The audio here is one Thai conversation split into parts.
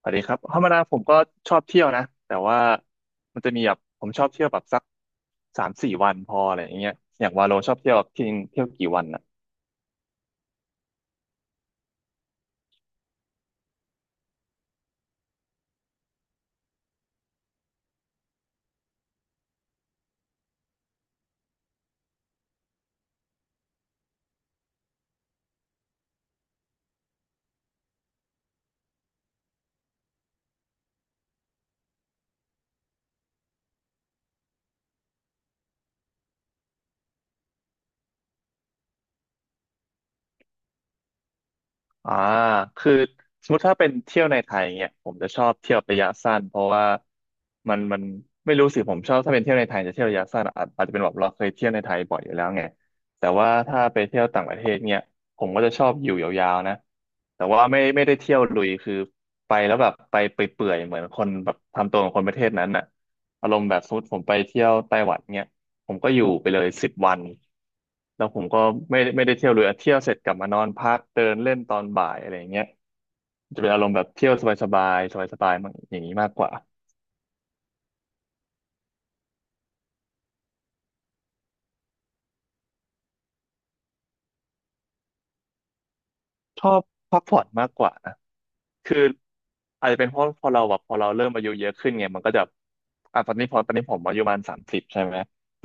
สวัสดีครับธรรมดาผมก็ชอบเที่ยวนะ แต่ว่ามันจะมีแบบผมชอบเที่ยวแบบสัก3-4 วันพออะไรอย่างเงี้ยอย่างวาโลชอบเที่ยวแบบที่เที่ยวกี่วัน อ่าคือสมมติถ้าเป็นเที่ยวในไทยเนี่ยผมจะชอบเที่ยวระยะสั้นเพราะว่ามันไม่รู้สิผมชอบถ้าเป็นเที่ยวในไทยจะเที่ยวระยะสั้นอาจจะเป็นแบบเราเคยเที่ยวในไทยบ่อยอยู่แล้วไงแต่ว่าถ้าไปเที่ยวต่างประเทศเนี่ยผมก็จะชอบอยู่ยาวๆนะแต่ว่าไม่ได้เที่ยวลุยคือไปแล้วแบบไปเปื่อยๆเหมือนคนแบบทำตัวของคนประเทศนั้นน่ะอารมณ์แบบสมมติผมไปเที่ยวไต้หวันเนี่ย ผมก็อยู่ไปเลย10 วันแล้วผมก็ไม่ได้เที่ยวเลยเที่ยวเสร็จกลับมานอนพักเดินเล่นตอนบ่ายอะไรอย่างเงี้ยจะเป็นอารมณ์แบบเที่ยวสบายๆสบายๆมันอย่างนี้มากกว่าชอบพักผ่อนมากกว่า คืออาจจะเป็นเพราะพอเราแบบพอเราเริ่มอายุเยอะขึ้นไงมันก็จะตอนนี้พอตอนนี้ผมอายุประมาณ30ใช่ไหม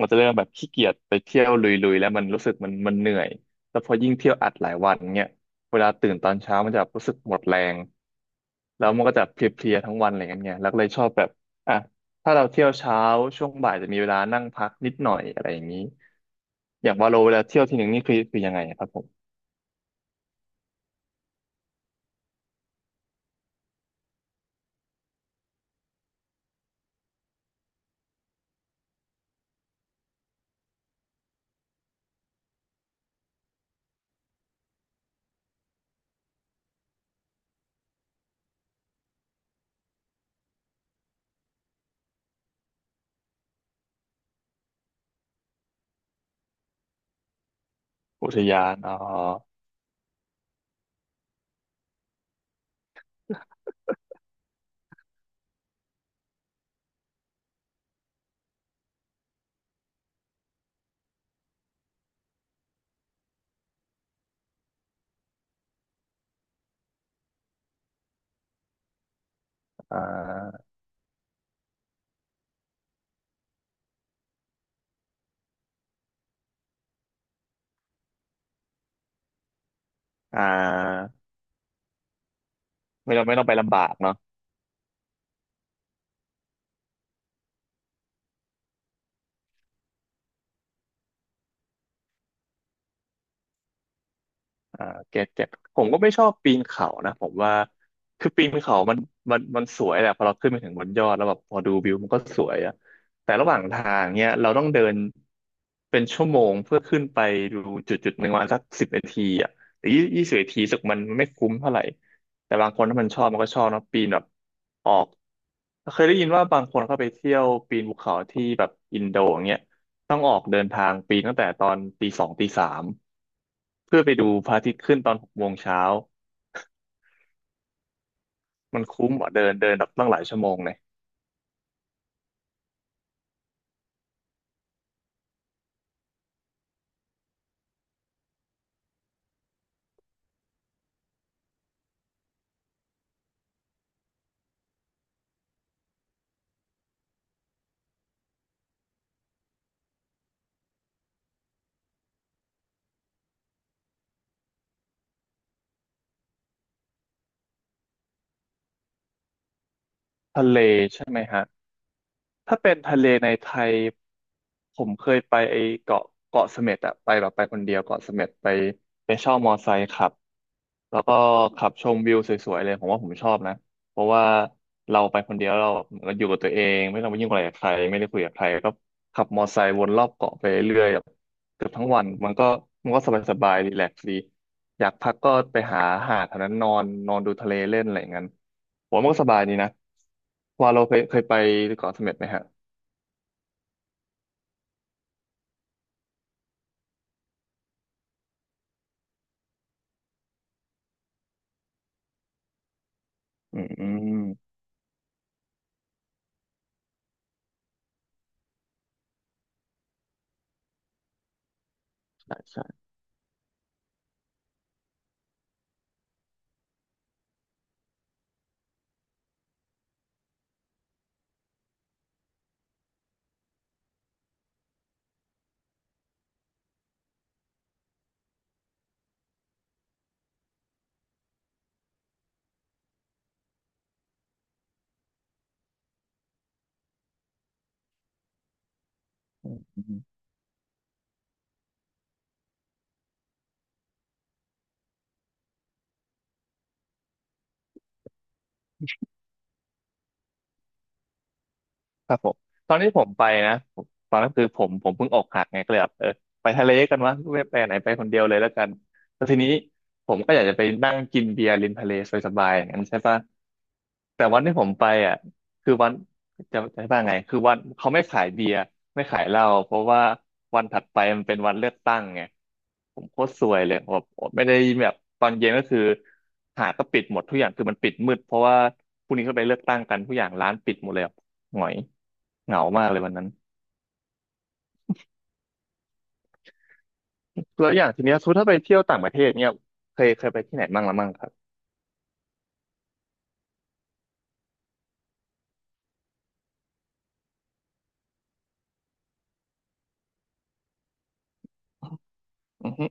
มันจะเริ่มแบบขี้เกียจไปเที่ยวลุยๆแล้วมันรู้สึกมันเหนื่อยแล้วพอยิ่งเที่ยวอัดหลายวันเนี่ยเวลาตื่นตอนเช้ามันจะรู้สึกหมดแรงแล้วมันก็จะเพลียๆทั้งวันอะไรเงี้ยไงแล้วก็เลยชอบแบบอ่ะถ้าเราเที่ยวเช้าช่วงบ่ายจะมีเวลานั่งพักนิดหน่อยอะไรอย่างนี้อย่างว่าเราเวลาเที่ยวทีหนึ่งนี่คือยังไงครับผมอุทยานอ๋ออ่าอ่า ไม่ต้องไม่ต้องไปลำบากเนาะอ่าเก็ตผมก็ไม่ชอบปีนเขานะผมว่าคือปีนเขามันสวยแหละพอเราขึ้นไปถึงบนยอดแล้วแบบพอดูวิวมันก็สวยอะแต่ระหว่างทางเนี้ยเราต้องเดินเป็นชั่วโมงเพื่อขึ้นไปดูจุดจุดหนึ่งวันสักสิบนาทีอะหรือยี่สิบนาทีูสึกมันไม่คุ้มเท่าไหร่แต่บางคนถ้ามันชอบมันก็ชอบเนอะปีนแบบออกเคยได้ยินว่าบางคนเข้าไปเที่ยวปีนภูเขาที่แบบอินโดอย่างเงี้ยต้องออกเดินทางปีนตั้งแต่ตอนตี 2 ตี 3 เพื่อไปดูพระอาทิตย์ขึ้นตอน6 โมงเช้ามันคุ้มว่าเดินเดินแบบตั้งหลายชั่วโมงเลยทะเลใช่ไหมฮะถ้าเป็นทะเลในไทยผมเคยไปเกาะเสม็ดอะไปแบบไปคนเดียวเกาะเสม็ดไปเช่ามอไซค์ขับแล้วก็ขับชมวิวสวยๆเลยผมว่าผมชอบนะเพราะว่าเราไปคนเดียวเราเหมือนกับอยู่กับตัวเองไม่ต้องไปยุ่งอะไรกับใครไม่ได้คุยกับใครก็ขับมอไซค์วนรอบเกาะไปเรื่อย เกือบทั้งวันมันก็สบายสบายรีแลกซ์ดีอยากพักก็ไปหาหาดแถวนั้นนอนนอนดูทะเลเล่นอะไรอย่างนั้นผมว่ามันก็สบายดีนะว่าเราเคยไปเกาะเสม็ดไหมฮะอืมอืมใช่ใช่อืมอืมครับผมตอนนี้ผมไปนะผมตอนนั้นคือผมเพิ่งอกหักไงก็เลยแบบเออไปทะเลกันวะไม่ไปไหนไปคนเดียวเลยแล้วกันแล้วทีนี้ผมก็อยากจะไปนั่งกินเบียร์ริมทะเลสบายๆอย่างนั้นใช่ปะ แต่วันที่ผมไปอ่ะคือวันจะว่าไงคือวันเขาไม่ขายเบียร์ไม่ขายเหล้าเพราะว่าวันถัดไปมันเป็นวันเลือกตั้งไงผมโคตรซวยเลยผมไม่ได้แบบตอนเย็นก็คือหาดก็ปิดหมดทุกอย่างคือมันปิดมืดเพราะว่าพรุ่งนี้เขาไปเลือกตั้งกันทุกอย่างร้านปิดหมดเลยอะหงอยเหงามากเลยวันนั้นแล้วอย่างทีเนี้ยสมมุติถ้าไปเที่ยวต่างประเทศเนี่ยเคยไปที่ไหนบ้างละมั่งครับอือฮึ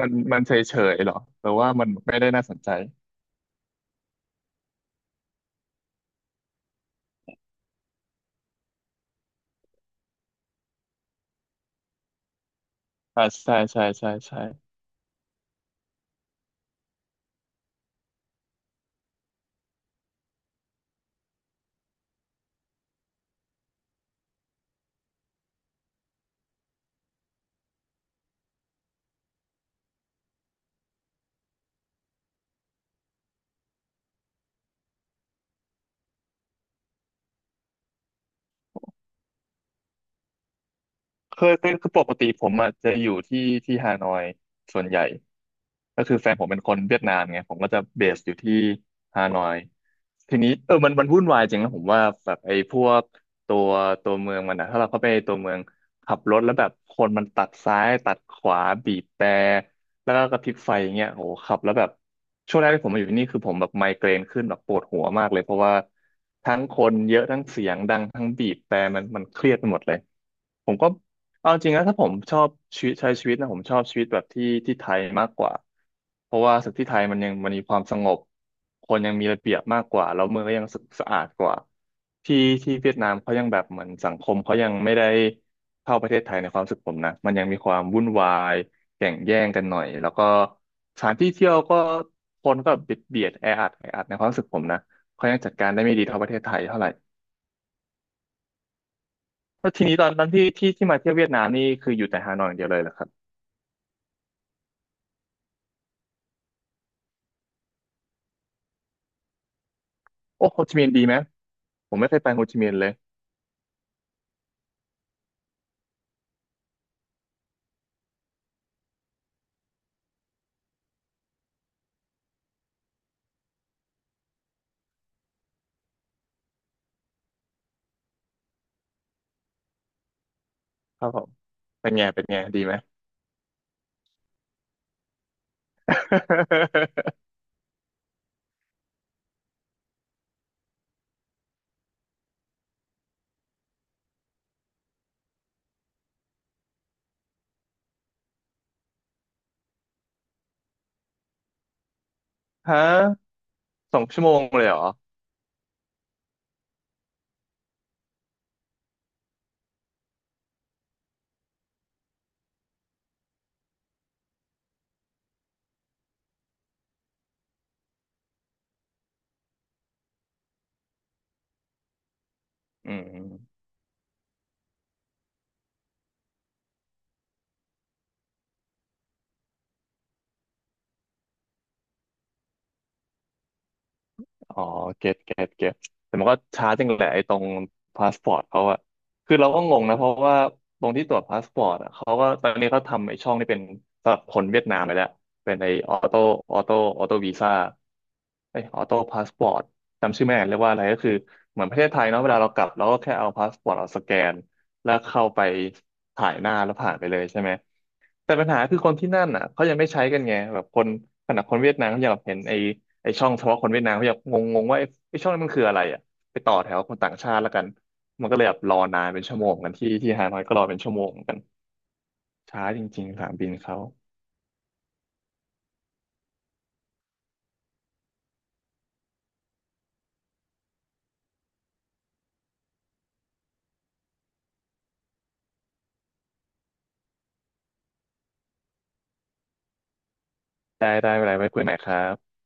มันเฉยเฉยหรอหรือว่ามันไม่ได้น่าสนใจอ่าใช่ใช่ใช่ใช่ เคยเป็นคือปกติผมอ่ะจะอยู่ที่ที่ฮานอยส่วนใหญ่ก็คือแฟนผมเป็นคนเวียดนามไงผมก็จะเบสอยู่ที่ฮานอยทีนี้มันวุ่นวายจริงนะผมว่าแบบไอ้พวกตัวเมืองมันนะถ้าเราเข้าไปตัวเมืองขับรถแล้วแบบคนมันตัดซ้ายตัดขวาบีบแตรแล้วก็กระพริบไฟอย่างเงี้ยโหขับแล้วแบบช่วงแรกที่ผมมาอยู่ที่นี่คือผมแบบไมเกรนขึ้นแบบปวดหัวมากเลยเพราะว่าทั้งคนเยอะทั้งเสียงดังทั้งบีบแตรมันเครียดไปหมดเลย ผมก็เอาจริงนะถ้าผมชอบชีวิตใช้ชีวิตนะผมชอบชีวิตแบบที่ที่ไทยมากกว่าเพราะว่าสึกที่ไทยมันยังมันมีความสงบคนยังมีระเบียบมากกว่าแล้วเมืองก็ยังสะอาดกว่าที่ที่เวียดนามเขายังแบบเหมือนสังคมเขายังไม่ได้เท่าประเทศไทยในความรู้สึกผมนะมันยังมีความวุ่นวายแข่งแย่งกันหน่อยแล้วก็สถานที่เที่ยวก็คนก็เบียดเบียดแออัดแออัดในความรู้สึกผมนะเขายังจัดการได้ไม่ดีเท่าประเทศไทยเท่าไหร่ แล้วทีนี้ตอนนั้นที่ที่มาเที่ยวเวียดนามนี่คืออยู่แต่ฮานอยอย่างเดียวเลยเหรอครับโอ้โฮจิมินห์ดีไหมผมไม่เคยไปโฮจิมินห์เลยครับผมเป็นไงเป็นไงดีไหม ฮะสองชั่วโมงเลยเหรออืม อ๋อเก็ตเก็ตเก็ตแต่มันก็ช้าจังแหละไอ้ตรงพาสปอร์ตเขาอะคือเราก็งงนะเพราะว่าตรงที่ตรวจพาสปอร์ตอะเขาก็ตอนนี้เขาทำไอ้ช่องนี่เป็นสำหรับคนเวียดนามไปแล้วเป็นไอ้ออโต้ออโต้วีซ่าไอ้ออโต้พาสปอร์ตจำชื่อไม่ได้เรียกว่าอะไรก็คือเหมือนประเทศไทยเนาะเวลาเรากลับเราก็แค่เอาพาสปอร์ตเราสแกนแล้วเข้าไปถ่ายหน้าแล้วผ่านไปเลยใช่ไหม แต่ปัญหาคือคนที่นั่นอ่ะเขายังไม่ใช้กันไงแบบคนขนาดคนเวียดนามเขายังแบบเห็นไอ้ช่องเฉพาะคนเวียดนามเขายังงงงว่าไอ้ช่องนั้นมันคืออะไรอ่ะไปต่อแถวคนต่างชาติแล้วกันมันก็เลยแบบรอนานเป็นชั่วโมงเหมือนกันที่ที่ฮานอยก็รอเป็นชั่วโมงเหมือนกันช้าจริงๆสนามบินเขาได้ได้เวลาไว้คุยใหม่ครับ